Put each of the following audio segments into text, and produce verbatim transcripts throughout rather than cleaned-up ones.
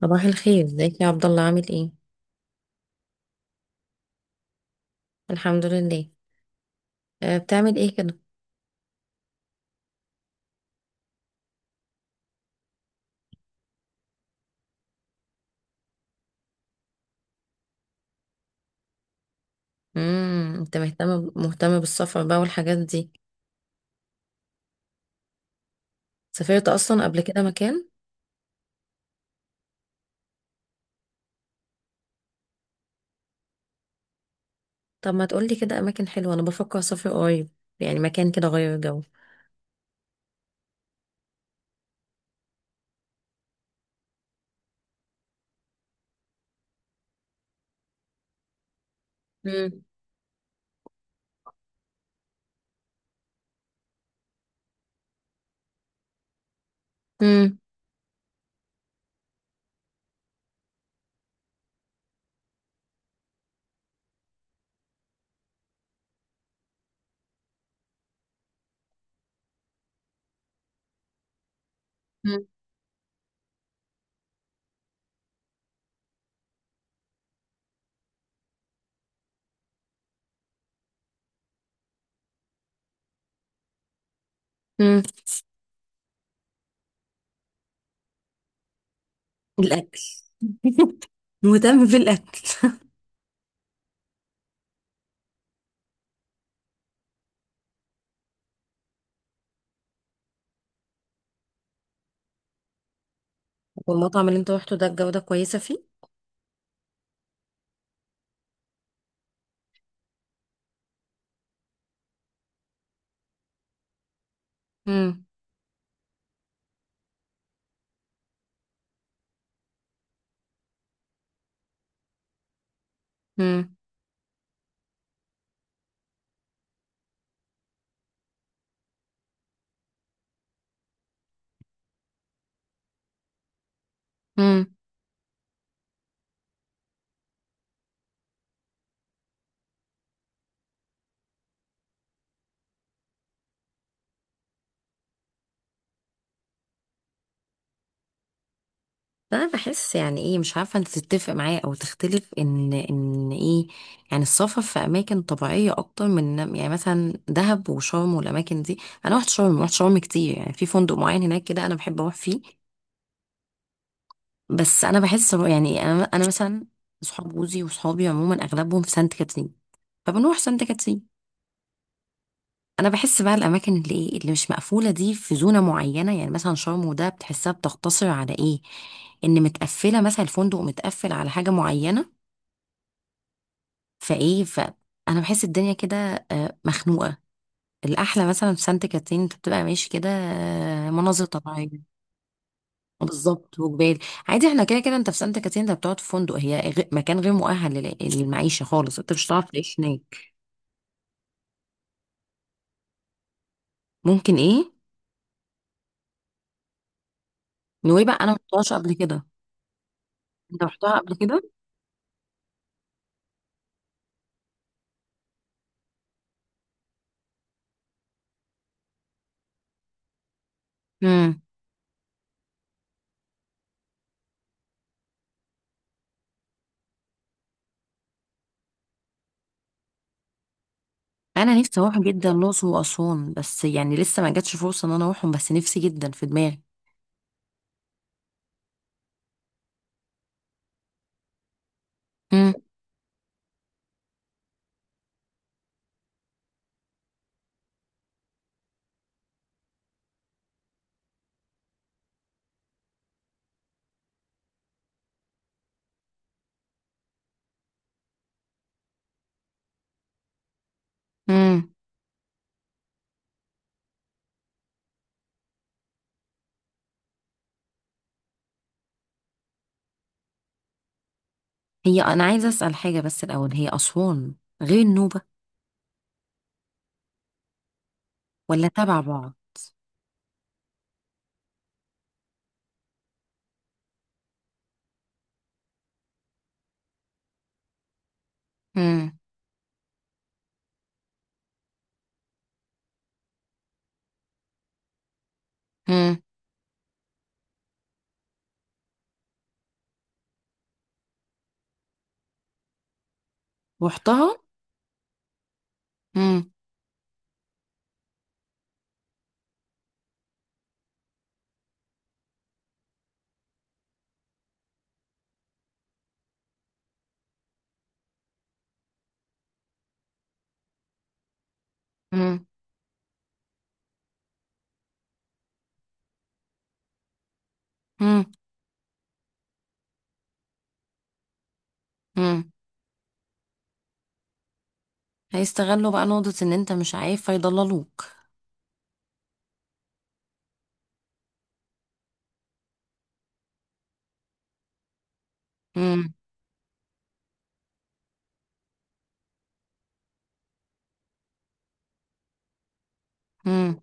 صباح الخير، ازيك يا عبد الله؟ عامل ايه؟ الحمد لله. أه، بتعمل ايه كده؟ امم انت مهتم مهتم بالسفر بقى والحاجات دي؟ سافرت اصلا قبل كده مكان؟ طب ما تقولي كده اماكن حلوه، انا بفكر اسافر قريب، يعني مكان كده غير جو. امم. امم. امم. الاكل. مهتم بالاكل. والمطعم اللي انت روحته ده الجوده كويسه فيه؟ امم. امم. انا بحس يعني، ايه، مش عارفه انت تتفق معايا او تختلف، ان ان ايه، يعني السفر في اماكن طبيعيه اكتر من، يعني مثلا، دهب وشرم والاماكن دي. انا رحت شرم، رحت شرم كتير، يعني في فندق معين هناك كده انا بحب اروح فيه. بس انا بحس إنه، يعني، انا انا مثلا صحاب جوزي وصحابي عموما اغلبهم في سانت كاترين، فبنروح سانت كاترين. انا بحس بقى الاماكن اللي ايه، اللي مش مقفوله دي، في زونه معينه، يعني مثلا شرم وده بتحسها بتقتصر على ايه، ان متقفله، مثلا الفندق متقفل على حاجه معينه. فايه، فانا بحس الدنيا كده آه، مخنوقه. الاحلى مثلا في سانت كاترين انت بتبقى ماشي كده، آه، مناظر طبيعيه. بالظبط، وجبال. عادي، احنا كده كده انت في سانت كاترين انت بتقعد في فندق، هي غ- مكان غير مؤهل لل- للمعيشه خالص، انت مش هتعرف تعيش هناك. ممكن ايه؟ نويبع؟ انا ما رحتهاش قبل كده. انت رحتها قبل كده؟ امم. انا نفسي اروح جدا الاقصر واسوان، بس يعني لسه ما جاتش فرصه ان انا اروحهم، بس نفسي جدا في دماغي. امم. امم. هي انا عايزه اسال حاجه بس الاول، هي اسوان غير النوبه ولا تبع بعض؟ مم. مم. رحتها. مم. مم. مم. مم. هيستغلوا بقى نقطة ان انت مش عارف فيضللوك. مم. مم.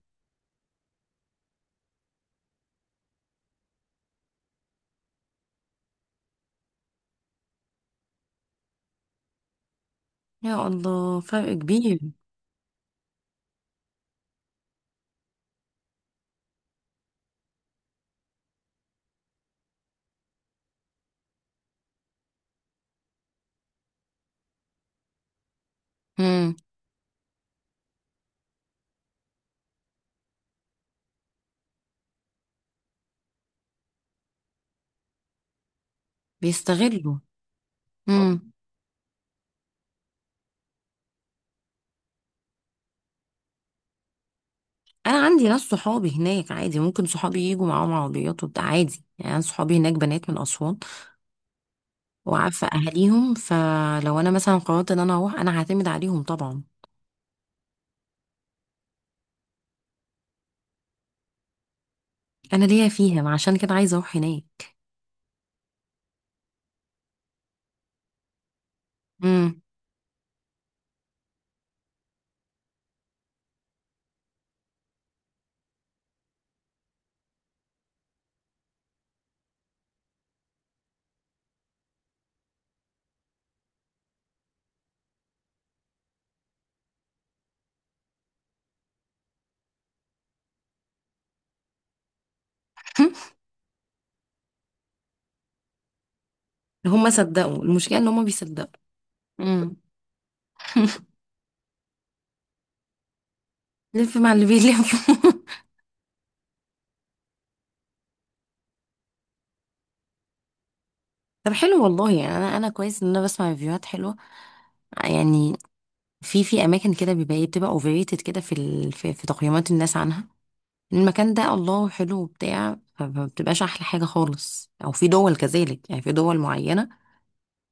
يا الله، فرق كبير. مم. بيستغلوا. مم. انا عندي ناس صحابي هناك، عادي، ممكن صحابي يجوا معاهم عربيات وبتاع، عادي، يعني انا صحابي هناك بنات من اسوان، وعارفه اهاليهم، فلو انا مثلا قررت ان انا اروح انا هعتمد عليهم طبعا. انا ليا فيها، عشان كده عايزه اروح هناك. مم. هم صدقوا، المشكله ان هم بيصدقوا. امم. لف مع اللي بيلف. طب حلو والله، يعني انا انا كويس ان انا بسمع ريفيوهات حلوه. آه، يعني في في اماكن كده بيبقى ايه، بتبقى اوفريتد كده في ال... في, في تقييمات الناس عنها، المكان ده الله حلو وبتاع، فما بتبقاش احلى حاجه خالص. او في دول كذلك، يعني في دول معينه،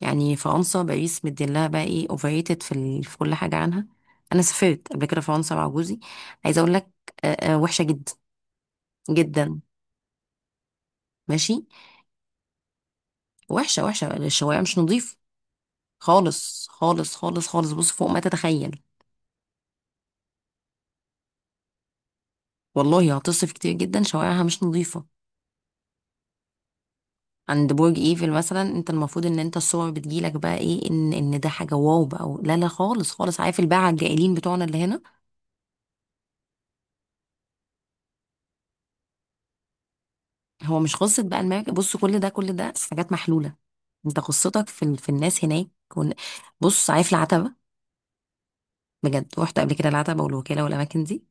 يعني فرنسا، باريس مديلها بقى ايه اوفريتد في ال... في كل حاجه عنها. انا سافرت قبل كده فرنسا مع جوزي، عايزه اقول لك، آه، آه، وحشه جدا جدا. ماشي. وحشه وحشه، الشوايه مش نظيف خالص خالص خالص خالص، بص فوق ما تتخيل. والله هتصف كتير جدا، شوارعها مش نظيفه. عند برج ايفل مثلا، انت المفروض ان انت الصور بتجيلك بقى ايه، ان ان ده حاجه واو بقى و- لا لا خالص خالص، عارف الباعه الجائلين بتوعنا اللي هنا. هو مش قصه بقى الماركه، بص كل ده كل ده حاجات محلوله، انت قصتك في ال... في الناس هناك كون... بص عارف العتبه؟ بجد رحت قبل كده العتبه والوكاله والاماكن دي،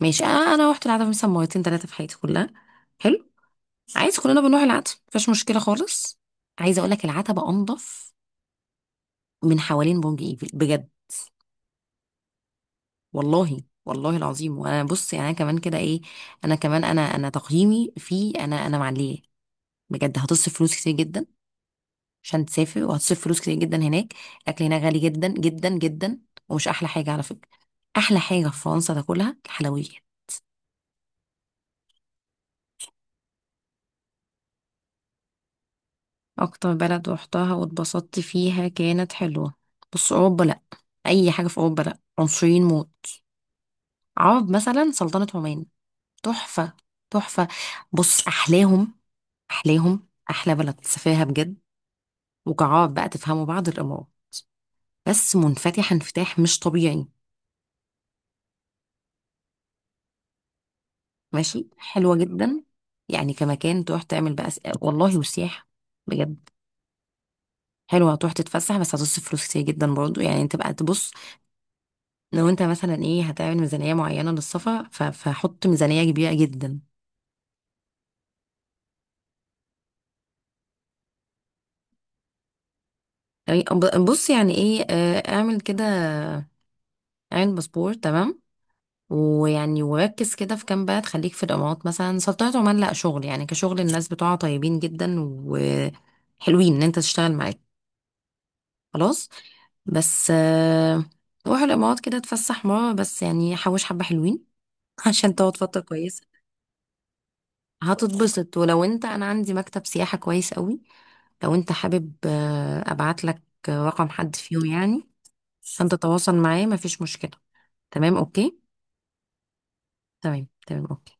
ماشي. انا أنا رحت العتبه مثلا مرتين ثلاثه في حياتي كلها. حلو عايز، كلنا بنروح العتبة، مفيش مشكلة خالص. عايزة اقول لك العتبة انضف من حوالين برج ايفل بجد، والله، والله العظيم. وانا بص، يعني انا كمان كده ايه، انا كمان، انا انا تقييمي في، انا انا معليه. بجد، هتصرف فلوس كتير جدا عشان تسافر، وهتصرف فلوس كتير جدا هناك، الاكل هناك غالي جدا جدا جدا، ومش احلى حاجة على فكرة. احلى حاجة في فرنسا تاكلها الحلويات. اكتر بلد روحتها واتبسطت فيها كانت حلوة؟ بص، اوروبا لا، اي حاجة في اوروبا لا، عنصريين موت. عوض مثلا سلطنة عمان، تحفة، تحفة. بص، أحلاهم، أحلاهم أحلى بلد سفاها بجد. وكعاب بقى تفهموا بعض، الإمارات، بس منفتحة انفتاح مش طبيعي، ماشي، حلوة جدا. يعني كمكان تروح تعمل بقى س- والله وسياحة، بجد حلوة، هتروح تتفسح، بس هتصرف فلوس كتير جدا برضو، يعني انت بقى تبص. لو انت مثلا ايه، هتعمل ميزانية معينة للسفر، ف- فحط ميزانية كبيرة جدا. يعني ب- بص، يعني ايه، آه، اعمل كده، اعمل باسبور، تمام. ويعني وركز كده في كام بلد، خليك في الامارات، مثلا سلطنة عمان، لا شغل يعني، كشغل الناس بتوعها طيبين جدا وحلوين ان انت تشتغل معاك. خلاص. بس آه، روح الامارات كده تفسح مرة بس، يعني حوش حبة حلوين. عشان تقعد فترة كويسة. هتتبسط. ولو انت، انا عندي مكتب سياحة كويس قوي، لو انت حابب آه، ابعت لك رقم حد فيهم يعني عشان تتواصل معاه، مفيش مشكلة. تمام، اوكي. تمام تمام، اوكي.